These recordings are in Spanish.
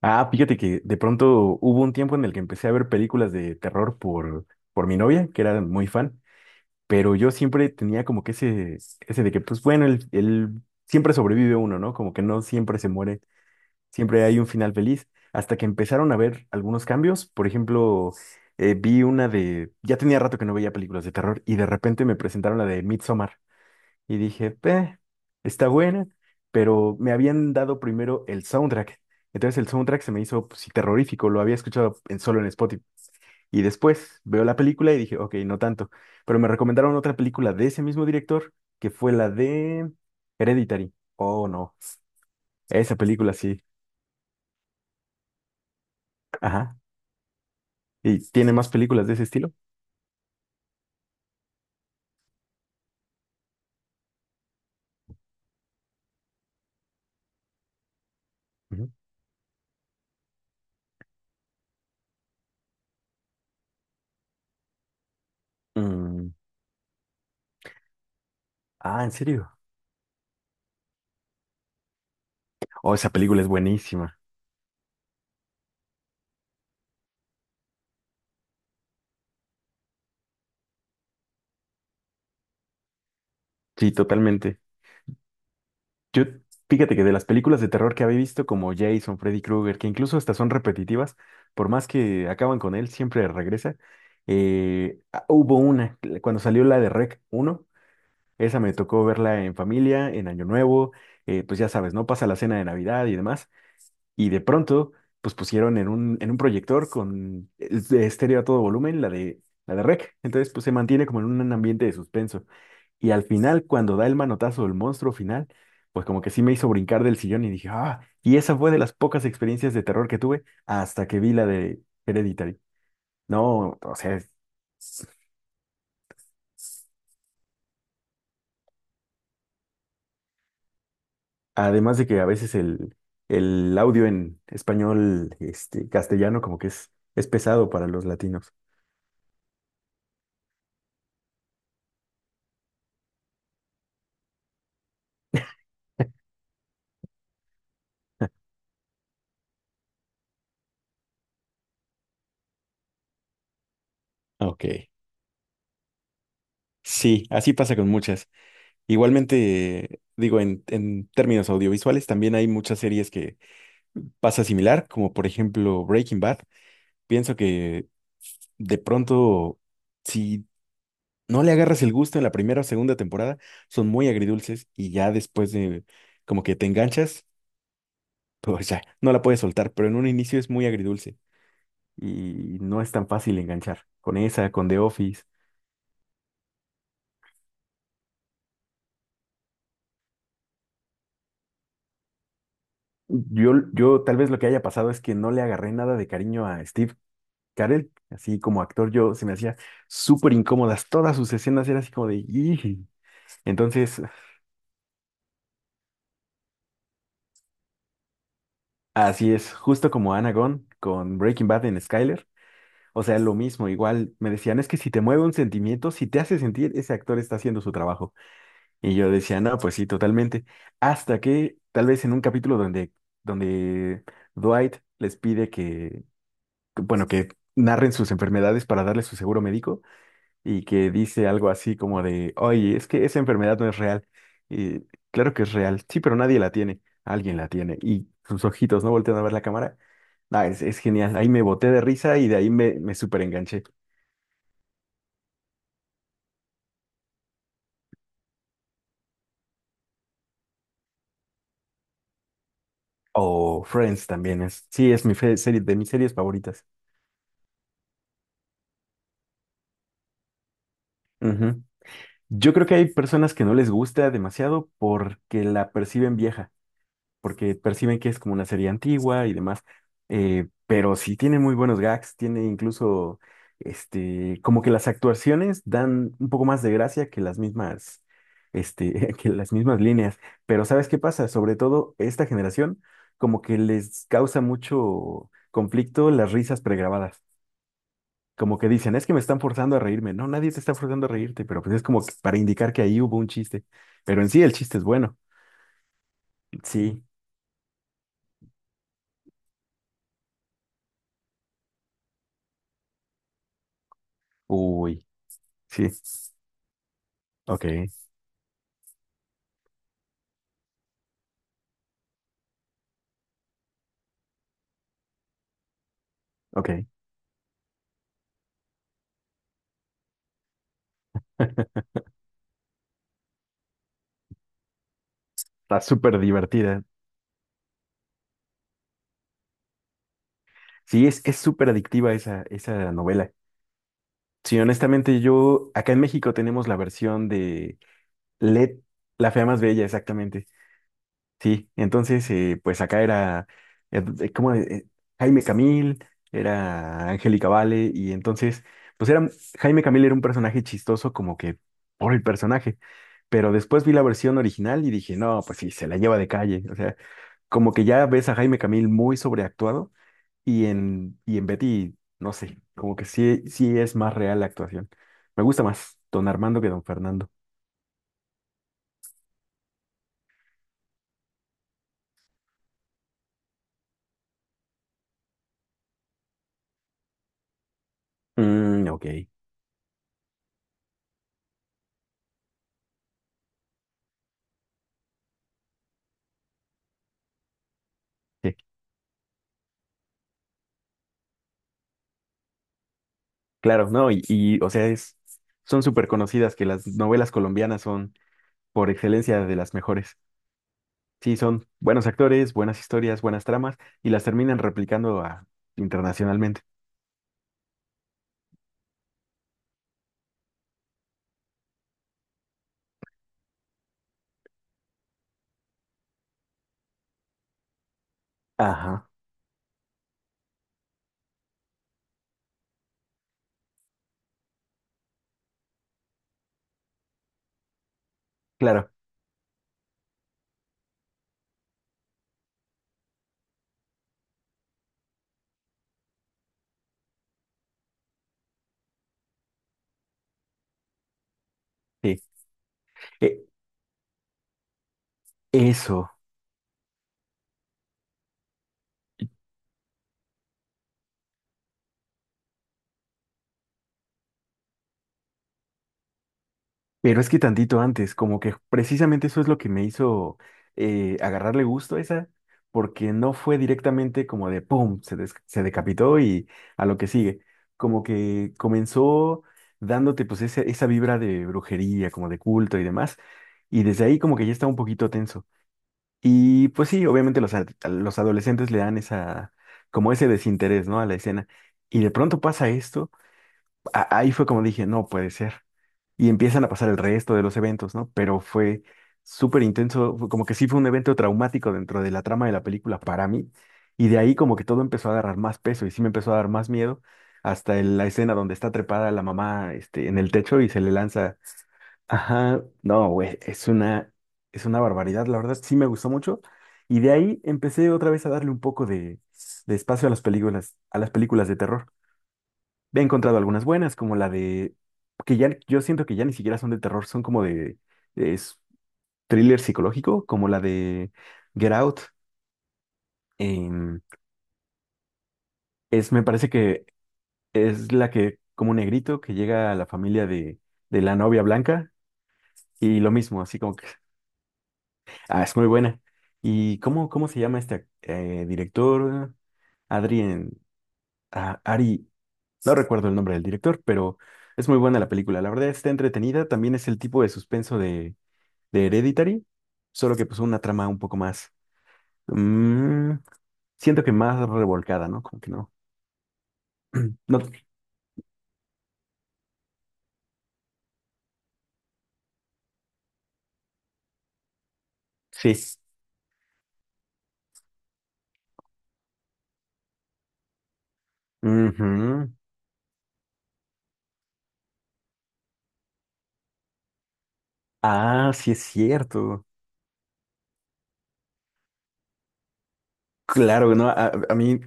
Ah, fíjate que de pronto hubo un tiempo en el que empecé a ver películas de terror por mi novia, que era muy fan, pero yo siempre tenía como que ese de que, pues bueno, siempre sobrevive uno, ¿no? Como que no siempre se muere, siempre hay un final feliz, hasta que empezaron a ver algunos cambios. Por ejemplo, vi una de, ya tenía rato que no veía películas de terror y de repente me presentaron la de Midsommar y dije, Está buena." Pero me habían dado primero el soundtrack. Entonces el soundtrack se me hizo pues, sí, terrorífico, lo había escuchado solo en Spotify. Y después veo la película y dije, ok, no tanto. Pero me recomendaron otra película de ese mismo director, que fue la de Hereditary. Oh, no. Esa película sí. Ajá. ¿Y tiene más películas de ese estilo? Ujú. Mm. Ah, ¿en serio? Oh, esa película es buenísima. Sí, totalmente. Yo, fíjate que de las películas de terror que había visto, como Jason, Freddy Krueger, que incluso estas son repetitivas, por más que acaban con él, siempre regresa. Hubo una, cuando salió la de Rec uno, esa me tocó verla en familia, en Año Nuevo. Pues ya sabes, ¿no? Pasa la cena de Navidad y demás, y de pronto, pues pusieron en un, proyector de estéreo a todo volumen la de Rec, entonces pues se mantiene como en un ambiente de suspenso. Y al final, cuando da el manotazo del monstruo final, pues como que sí me hizo brincar del sillón y dije, ah, y esa fue de las pocas experiencias de terror que tuve hasta que vi la de Hereditary. No, o sea, además de que a veces el audio en español, castellano, como que es pesado para los latinos. Ok, sí, así pasa con muchas. Igualmente, digo, en términos audiovisuales también hay muchas series que pasa similar, como por ejemplo Breaking Bad. Pienso que de pronto, si no le agarras el gusto en la primera o segunda temporada, son muy agridulces y ya después de como que te enganchas, pues ya no la puedes soltar, pero en un inicio es muy agridulce y no es tan fácil enganchar con esa, con The Office. Yo tal vez lo que haya pasado es que no le agarré nada de cariño a Steve Carell, así como actor yo se me hacía súper incómodas, todas sus escenas eran así como de... "Ih". Entonces, así es, justo como Anagon con Breaking Bad en Skyler. O sea, lo mismo, igual me decían, es que si te mueve un sentimiento, si te hace sentir, ese actor está haciendo su trabajo. Y yo decía, no, pues sí, totalmente. Hasta que tal vez en un capítulo donde Dwight les pide que, bueno, que narren sus enfermedades para darle su seguro médico, y que dice algo así como de, oye, es que esa enfermedad no es real. Y claro que es real, sí, pero nadie la tiene, alguien la tiene. Y sus ojitos no voltean a ver la cámara. Ah, es genial, ahí me boté de risa y de ahí me súper enganché. O Friends también sí, es mi serie, de mis series favoritas. Ujú. Yo creo que hay personas que no les gusta demasiado porque la perciben vieja, porque perciben que es como una serie antigua y demás. Pero sí tiene muy buenos gags, tiene incluso, como que las actuaciones dan un poco más de gracia que las mismas, que las mismas líneas, pero ¿sabes qué pasa? Sobre todo esta generación, como que les causa mucho conflicto las risas pregrabadas. Como que dicen, es que me están forzando a reírme. No, nadie te está forzando a reírte, pero pues es como que para indicar que ahí hubo un chiste. Pero en sí el chiste es bueno. Sí. Uy, sí. Ok, ok. Está súper divertida. Sí, es súper adictiva esa novela. Sí, honestamente, yo, acá en México tenemos la versión de Led, la fea más bella, exactamente. Sí, entonces, pues acá era, ¿cómo? Jaime Camil, era Angélica Vale, y entonces, pues era, Jaime Camil era un personaje chistoso como que por el personaje, pero después vi la versión original y dije, no, pues sí, se la lleva de calle, o sea. Como que ya ves a Jaime Camil muy sobreactuado y en Betty, no sé, como que sí, sí es más real la actuación. Me gusta más don Armando que don Fernando. Mm, ok. Sí, claro, no, o sea, son súper conocidas que las novelas colombianas son por excelencia de las mejores. Sí, son buenos actores, buenas historias, buenas tramas y las terminan replicando internacionalmente. Ajá, claro, sí. E- Eso. Pero es que tantito antes, como que precisamente eso es lo que me hizo agarrarle gusto a esa, porque no fue directamente como de ¡pum! Se decapitó y a lo que sigue. Como que comenzó dándote pues esa, vibra de brujería, como de culto y demás, y desde ahí como que ya estaba un poquito tenso. Y pues sí, obviamente los, los adolescentes le dan esa, como ese desinterés, ¿no? A la escena. Y de pronto pasa esto. Ahí fue como dije, no puede ser. Y empiezan a pasar el resto de los eventos, ¿no? Pero fue súper intenso, fue como que sí fue un evento traumático dentro de la trama de la película para mí. Y de ahí como que todo empezó a agarrar más peso y sí me empezó a dar más miedo hasta la escena donde está trepada la mamá, en el techo y se le lanza. Ajá, no, güey, es una, barbaridad, la verdad sí me gustó mucho. Y de ahí empecé otra vez a darle un poco de espacio a las películas de terror. He encontrado algunas buenas, como la de, que ya yo siento que ya ni siquiera son de terror, son como de es thriller psicológico, como la de Get Out. Em, me parece que es la que, como un negrito que llega a la familia de la novia blanca y lo mismo, así como que, ah, es muy buena. ¿Y cómo se llama este director? Adrien, ah, Ari, no recuerdo el nombre del director, pero es muy buena la película. La verdad está entretenida, también es el tipo de suspenso de Hereditary, solo que pues una trama un poco más, mm, siento que más revolcada, ¿no? Como que no. No, sí. Ujú. Ah, sí es cierto. Claro, no, a mí,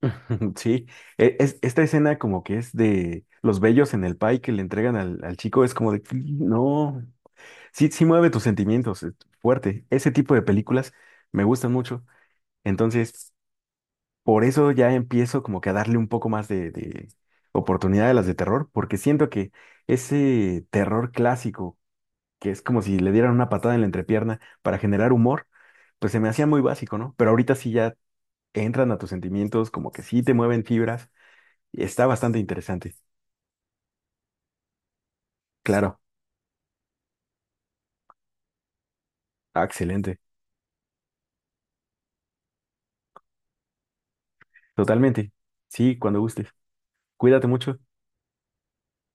sí. Esta escena como que es de los bellos en el pie que le entregan al chico, es como de, no, sí, sí mueve tus sentimientos, es fuerte. Ese tipo de películas me gustan mucho. Entonces, por eso ya empiezo como que a darle un poco más de oportunidad a las de terror, porque siento que ese terror clásico, que es como si le dieran una patada en la entrepierna para generar humor, pues se me hacía muy básico, ¿no? Pero ahorita sí ya entran a tus sentimientos, como que sí te mueven fibras, y está bastante interesante. Claro, ah, excelente, totalmente. Sí, cuando gustes. Cuídate mucho.